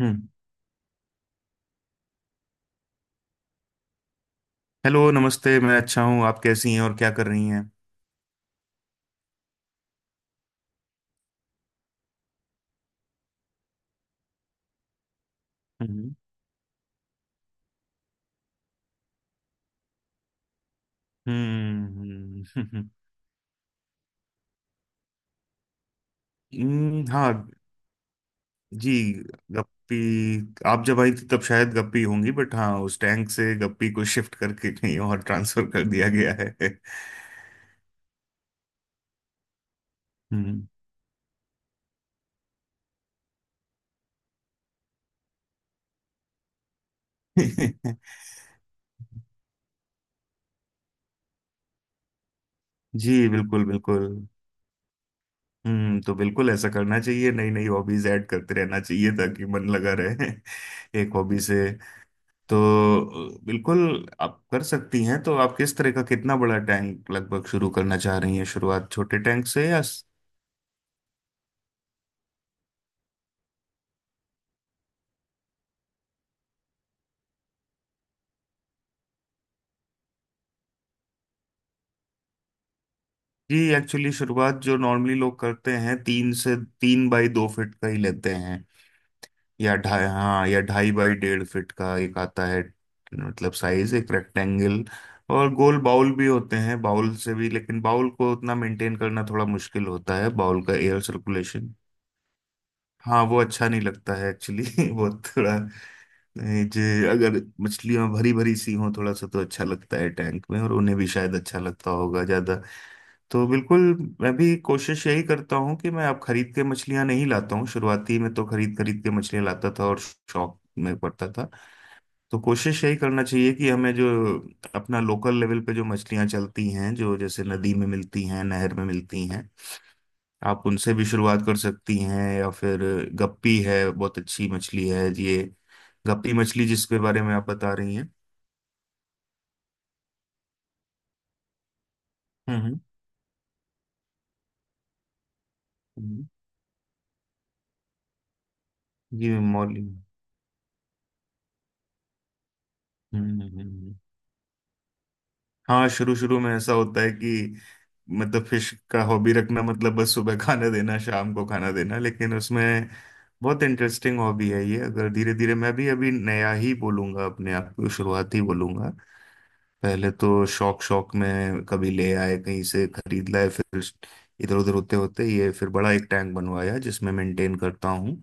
हम्म। Hello नमस्ते, मैं अच्छा हूँ। आप कैसी हैं और क्या कर रही हैं? हम्म। हम्म। हाँ। जी। गप्पी। आप जब आई थी तब शायद गप्पी होंगी, बट हाँ, उस टैंक से गप्पी को शिफ्ट करके कहीं और ट्रांसफर कर दिया गया है। हम्म। जी, बिल्कुल बिल्कुल। तो बिल्कुल ऐसा करना चाहिए, नई नई हॉबीज ऐड करते रहना चाहिए ताकि मन लगा रहे। एक हॉबी से। तो बिल्कुल, आप कर सकती हैं। तो आप किस तरह का, कितना बड़ा टैंक लगभग शुरू करना चाह रही हैं? शुरुआत छोटे टैंक से, या? जी एक्चुअली, शुरुआत जो नॉर्मली लोग करते हैं, तीन से तीन बाई दो फीट का ही लेते हैं। या ढाई, हाँ, या ढाई बाई डेढ़ फीट का एक आता है। मतलब साइज एक रेक्टेंगल। और गोल बाउल भी होते हैं, बाउल से भी, लेकिन बाउल को उतना मेंटेन करना थोड़ा मुश्किल होता है। बाउल का एयर सर्कुलेशन। हाँ, वो अच्छा नहीं लगता है एक्चुअली। वो थोड़ा। ए, जे अगर मछलियां भरी भरी सी हों थोड़ा सा, तो अच्छा लगता है टैंक में, और उन्हें भी शायद अच्छा लगता होगा ज्यादा। तो बिल्कुल। मैं भी कोशिश यही करता हूँ कि मैं अब खरीद के मछलियां नहीं लाता हूँ। शुरुआती में तो खरीद खरीद के मछलियां लाता था और शौक में पड़ता था। तो कोशिश यही करना चाहिए कि हमें जो अपना लोकल लेवल पे जो मछलियां चलती हैं, जो जैसे नदी में मिलती हैं, नहर में मिलती हैं, आप उनसे भी शुरुआत कर सकती हैं, या फिर गप्पी है, बहुत अच्छी मछली है ये। गप्पी मछली जिसके बारे में आप बता रही हैं। हम्म। हम्म। हम्म, ये मौली। हम्म। हम्म। हाँ, शुरू शुरू में ऐसा होता है कि मतलब फिश का हॉबी रखना मतलब बस सुबह खाना देना, शाम को खाना देना, लेकिन उसमें बहुत इंटरेस्टिंग हॉबी है ये, अगर धीरे धीरे। मैं भी अभी नया ही बोलूंगा अपने आप को, शुरुआत ही बोलूंगा। पहले तो शौक शौक में कभी ले आए, कहीं से खरीद लाए, फिर इधर उधर होते होते, ये फिर बड़ा एक टैंक बनवाया जिसमें मेंटेन करता हूँ।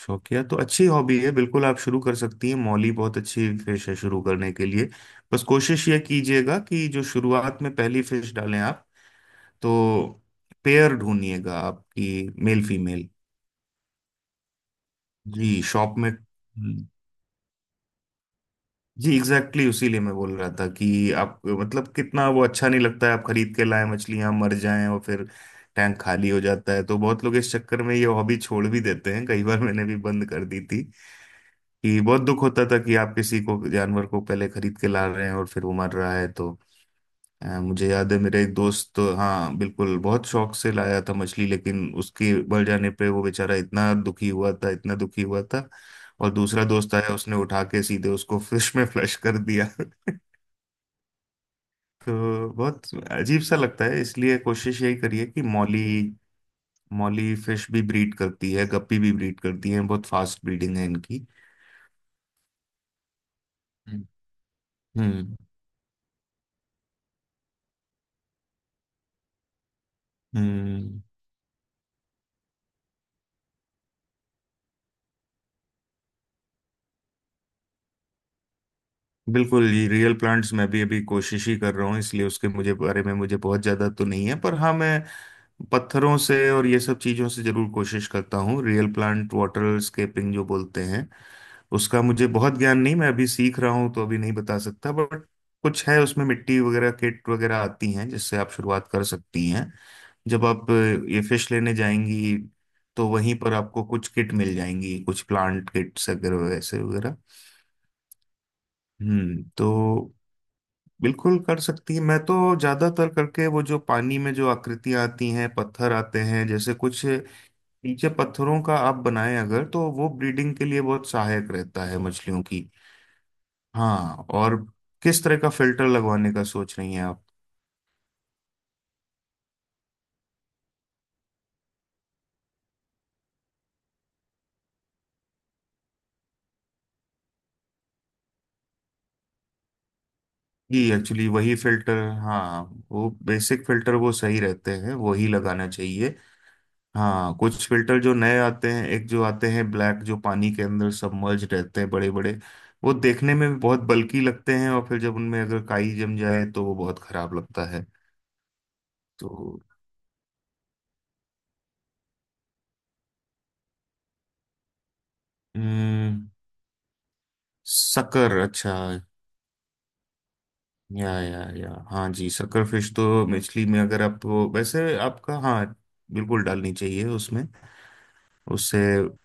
शौकिया तो अच्छी हॉबी है, बिल्कुल आप शुरू कर सकती हैं। मौली बहुत अच्छी फिश है शुरू करने के लिए। बस कोशिश ये कीजिएगा कि जो शुरुआत में पहली फिश डालें आप, तो पेयर ढूंढिएगा आपकी, मेल फीमेल। जी, शॉप में। जी एग्जैक्टली उसी लिए मैं बोल रहा था कि आप, मतलब कितना वो अच्छा नहीं लगता है, आप खरीद के लाए मछलियां मर जाएं और फिर टैंक खाली हो जाता है। तो बहुत लोग इस चक्कर में ये हॉबी छोड़ भी देते हैं, कई बार मैंने भी बंद कर दी थी। कि बहुत दुख होता था कि आप किसी को, जानवर को, पहले खरीद के ला रहे हैं और फिर वो मर रहा है। तो मुझे याद है, मेरे एक दोस्त तो, हाँ बिल्कुल, बहुत शौक से लाया था मछली, लेकिन उसके मर जाने पे वो बेचारा इतना दुखी हुआ था, इतना दुखी हुआ था। और दूसरा दोस्त आया, उसने उठा के सीधे उसको फिश में फ्लश कर दिया। तो बहुत अजीब सा लगता है, इसलिए कोशिश यही करिए कि मौली। मौली फिश भी ब्रीड करती है, गप्पी भी ब्रीड करती है, बहुत फास्ट ब्रीडिंग है इनकी। हम्म। हम्म। हम्म, बिल्कुल ये रियल प्लांट्स मैं भी अभी कोशिश ही कर रहा हूँ, इसलिए उसके मुझे बारे में मुझे बहुत ज्यादा तो नहीं है। पर हाँ, मैं पत्थरों से और ये सब चीजों से जरूर कोशिश करता हूँ। रियल प्लांट वाटर स्केपिंग जो बोलते हैं, उसका मुझे बहुत ज्ञान नहीं, मैं अभी सीख रहा हूँ, तो अभी नहीं बता सकता, बट कुछ है उसमें, मिट्टी वगैरह, किट वगैरह आती हैं जिससे आप शुरुआत कर सकती हैं। जब आप ये फिश लेने जाएंगी, तो वहीं पर आपको कुछ किट मिल जाएंगी, कुछ प्लांट किट्स अगर, वैसे, वगैरह। तो बिल्कुल कर सकती है। मैं तो ज्यादातर करके वो, जो पानी में जो आकृतियां आती हैं, पत्थर आते हैं जैसे कुछ, नीचे पत्थरों का आप बनाएं अगर, तो वो ब्रीडिंग के लिए बहुत सहायक रहता है मछलियों की। हाँ, और किस तरह का फिल्टर लगवाने का सोच रही हैं आप? कि एक्चुअली वही फिल्टर, हाँ, वो बेसिक फिल्टर वो सही रहते हैं, वही लगाना चाहिए। हाँ, कुछ फिल्टर जो नए आते हैं, एक जो आते हैं ब्लैक, जो पानी के अंदर सबमर्ज रहते हैं, बड़े बड़े, वो देखने में भी बहुत बल्की लगते हैं, और फिर जब उनमें अगर काई जम जाए तो वो बहुत खराब लगता है, तो। हम्म, शक्कर, अच्छा। या हाँ जी, सकरफिश तो मछली में अगर आप, वैसे आपका, हाँ, बिल्कुल डालनी चाहिए उसमें, उससे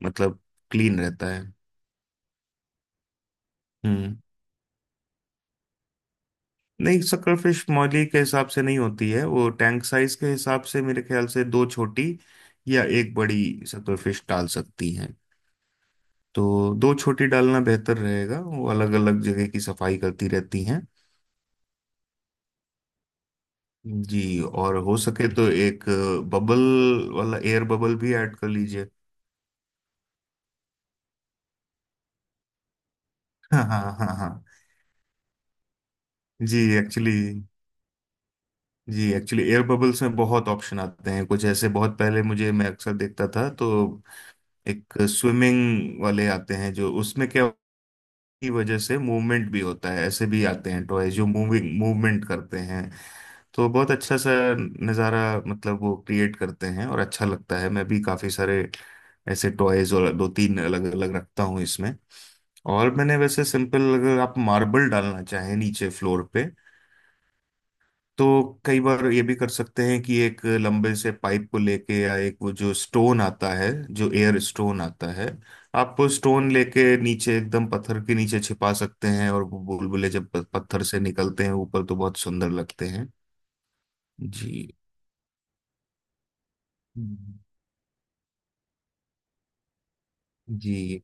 मतलब क्लीन रहता है। हम्म नहीं, सकरफिश मौली के हिसाब से नहीं होती है, वो टैंक साइज के हिसाब से, मेरे ख्याल से दो छोटी या एक बड़ी सकरफिश डाल सकती हैं। तो दो छोटी डालना बेहतर रहेगा, वो अलग अलग जगह की सफाई करती रहती हैं। जी, और हो सके तो एक बबल वाला एयर बबल भी ऐड कर लीजिए। हाँ, हाँ, हाँ, हाँ। जी एक्चुअली जी एक्चुअली एयर बबल्स में बहुत ऑप्शन आते हैं, कुछ ऐसे बहुत पहले मुझे, मैं अक्सर देखता था, तो एक स्विमिंग वाले आते हैं जो उसमें क्या की वजह से मूवमेंट भी होता है। ऐसे भी आते हैं टॉय जो मूविंग मूवमेंट करते हैं। तो बहुत अच्छा सा नज़ारा मतलब वो क्रिएट करते हैं और अच्छा लगता है। मैं भी काफ़ी सारे ऐसे टॉयज और दो तीन अलग अलग रखता हूँ इसमें। और मैंने वैसे सिंपल, अगर आप मार्बल डालना चाहें नीचे फ्लोर पे, तो कई बार ये भी कर सकते हैं कि एक लंबे से पाइप को लेके, या एक वो जो स्टोन आता है, जो एयर स्टोन आता है, आप वो स्टोन लेके नीचे एकदम पत्थर के नीचे छिपा सकते हैं, और वो बुलबुले जब पत्थर से निकलते हैं ऊपर तो बहुत सुंदर लगते हैं। जी, जी,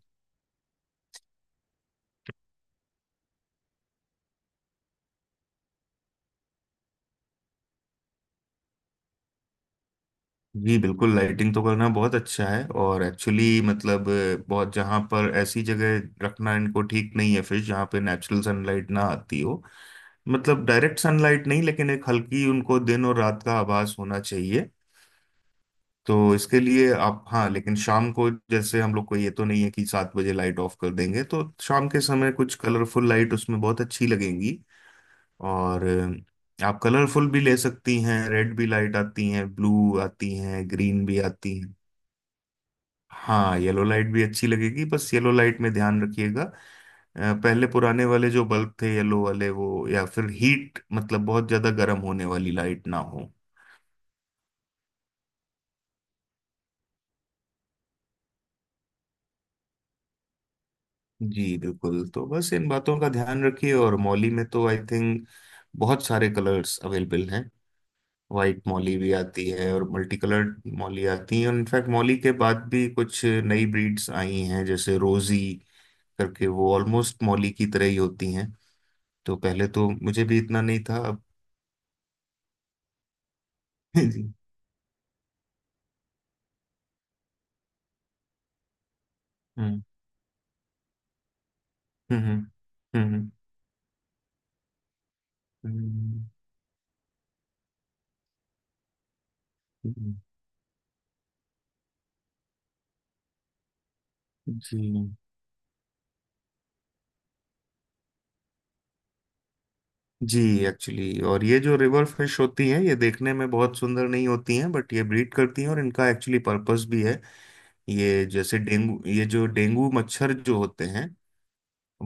जी, बिल्कुल। लाइटिंग तो करना बहुत अच्छा है, और एक्चुअली मतलब बहुत, जहाँ पर ऐसी जगह रखना इनको ठीक नहीं है, फिर जहाँ पे नेचुरल सनलाइट ना आती हो। मतलब डायरेक्ट सनलाइट नहीं, लेकिन एक हल्की, उनको दिन और रात का आभास होना चाहिए। तो इसके लिए आप, हाँ, लेकिन शाम को जैसे हम लोग को ये तो नहीं है कि 7 बजे लाइट ऑफ कर देंगे, तो शाम के समय कुछ कलरफुल लाइट उसमें बहुत अच्छी लगेंगी। और आप कलरफुल भी ले सकती हैं, रेड भी लाइट आती हैं, ब्लू आती हैं, ग्रीन भी आती हैं। हाँ, येलो लाइट भी अच्छी लगेगी, बस येलो लाइट में ध्यान रखिएगा। पहले पुराने वाले जो बल्ब थे येलो वाले वो, या फिर हीट मतलब बहुत ज्यादा गर्म होने वाली लाइट ना हो। जी बिल्कुल, तो बस इन बातों का ध्यान रखिए। और मॉली में तो आई थिंक बहुत सारे कलर्स अवेलेबल हैं। वाइट मॉली भी आती है, और मल्टी कलर्ड मॉली आती है, और इनफैक्ट मॉली के बाद भी कुछ नई ब्रीड्स आई हैं, जैसे रोजी करके, वो ऑलमोस्ट मॉली की तरह ही होती हैं। तो पहले तो मुझे भी इतना नहीं था, अब। हम्म। हम्म। हम्म। हम्म, हम्म, हम्म, जी। जी एक्चुअली, और ये जो रिवर फिश होती हैं, ये देखने में बहुत सुंदर नहीं होती हैं, बट ये ब्रीड करती हैं, और इनका एक्चुअली पर्पस भी है। ये जैसे डेंगू, ये जो डेंगू मच्छर जो होते हैं,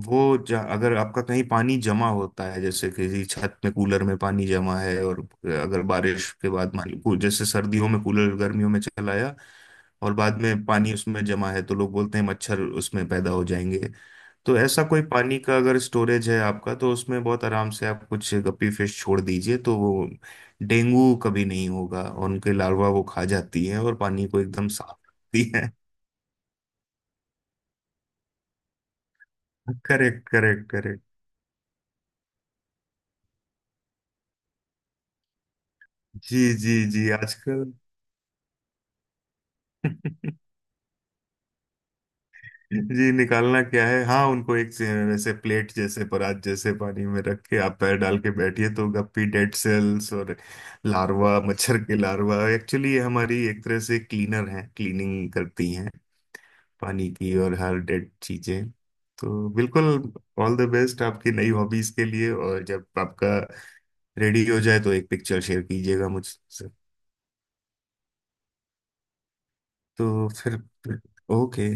वो अगर आपका कहीं पानी जमा होता है, जैसे किसी छत में, कूलर में पानी जमा है, और अगर बारिश के बाद मान लो जैसे सर्दियों में कूलर गर्मियों में चलाया, और बाद में पानी उसमें जमा है, तो लोग बोलते हैं मच्छर उसमें पैदा हो जाएंगे। तो ऐसा कोई पानी का अगर स्टोरेज है आपका, तो उसमें बहुत आराम से आप कुछ गप्पी फिश छोड़ दीजिए, तो वो डेंगू कभी नहीं होगा, और उनके लार्वा वो खा जाती है और पानी को एकदम साफ रखती है। Correct, correct, correct. जी, जी, जी, आजकल। जी, निकालना क्या है, हाँ उनको वैसे प्लेट जैसे, परात जैसे पानी में रख के आप पैर डाल के बैठिए, तो गप्पी डेड सेल्स और लार्वा, मच्छर के लार्वा, एक्चुअली ये हमारी एक तरह से क्लीनर हैं, क्लीनिंग करती हैं पानी की और हर डेड चीजें। तो बिल्कुल, ऑल द बेस्ट आपकी नई हॉबीज के लिए। और जब आपका रेडी हो जाए तो एक पिक्चर शेयर कीजिएगा मुझसे। तो फिर, ओके।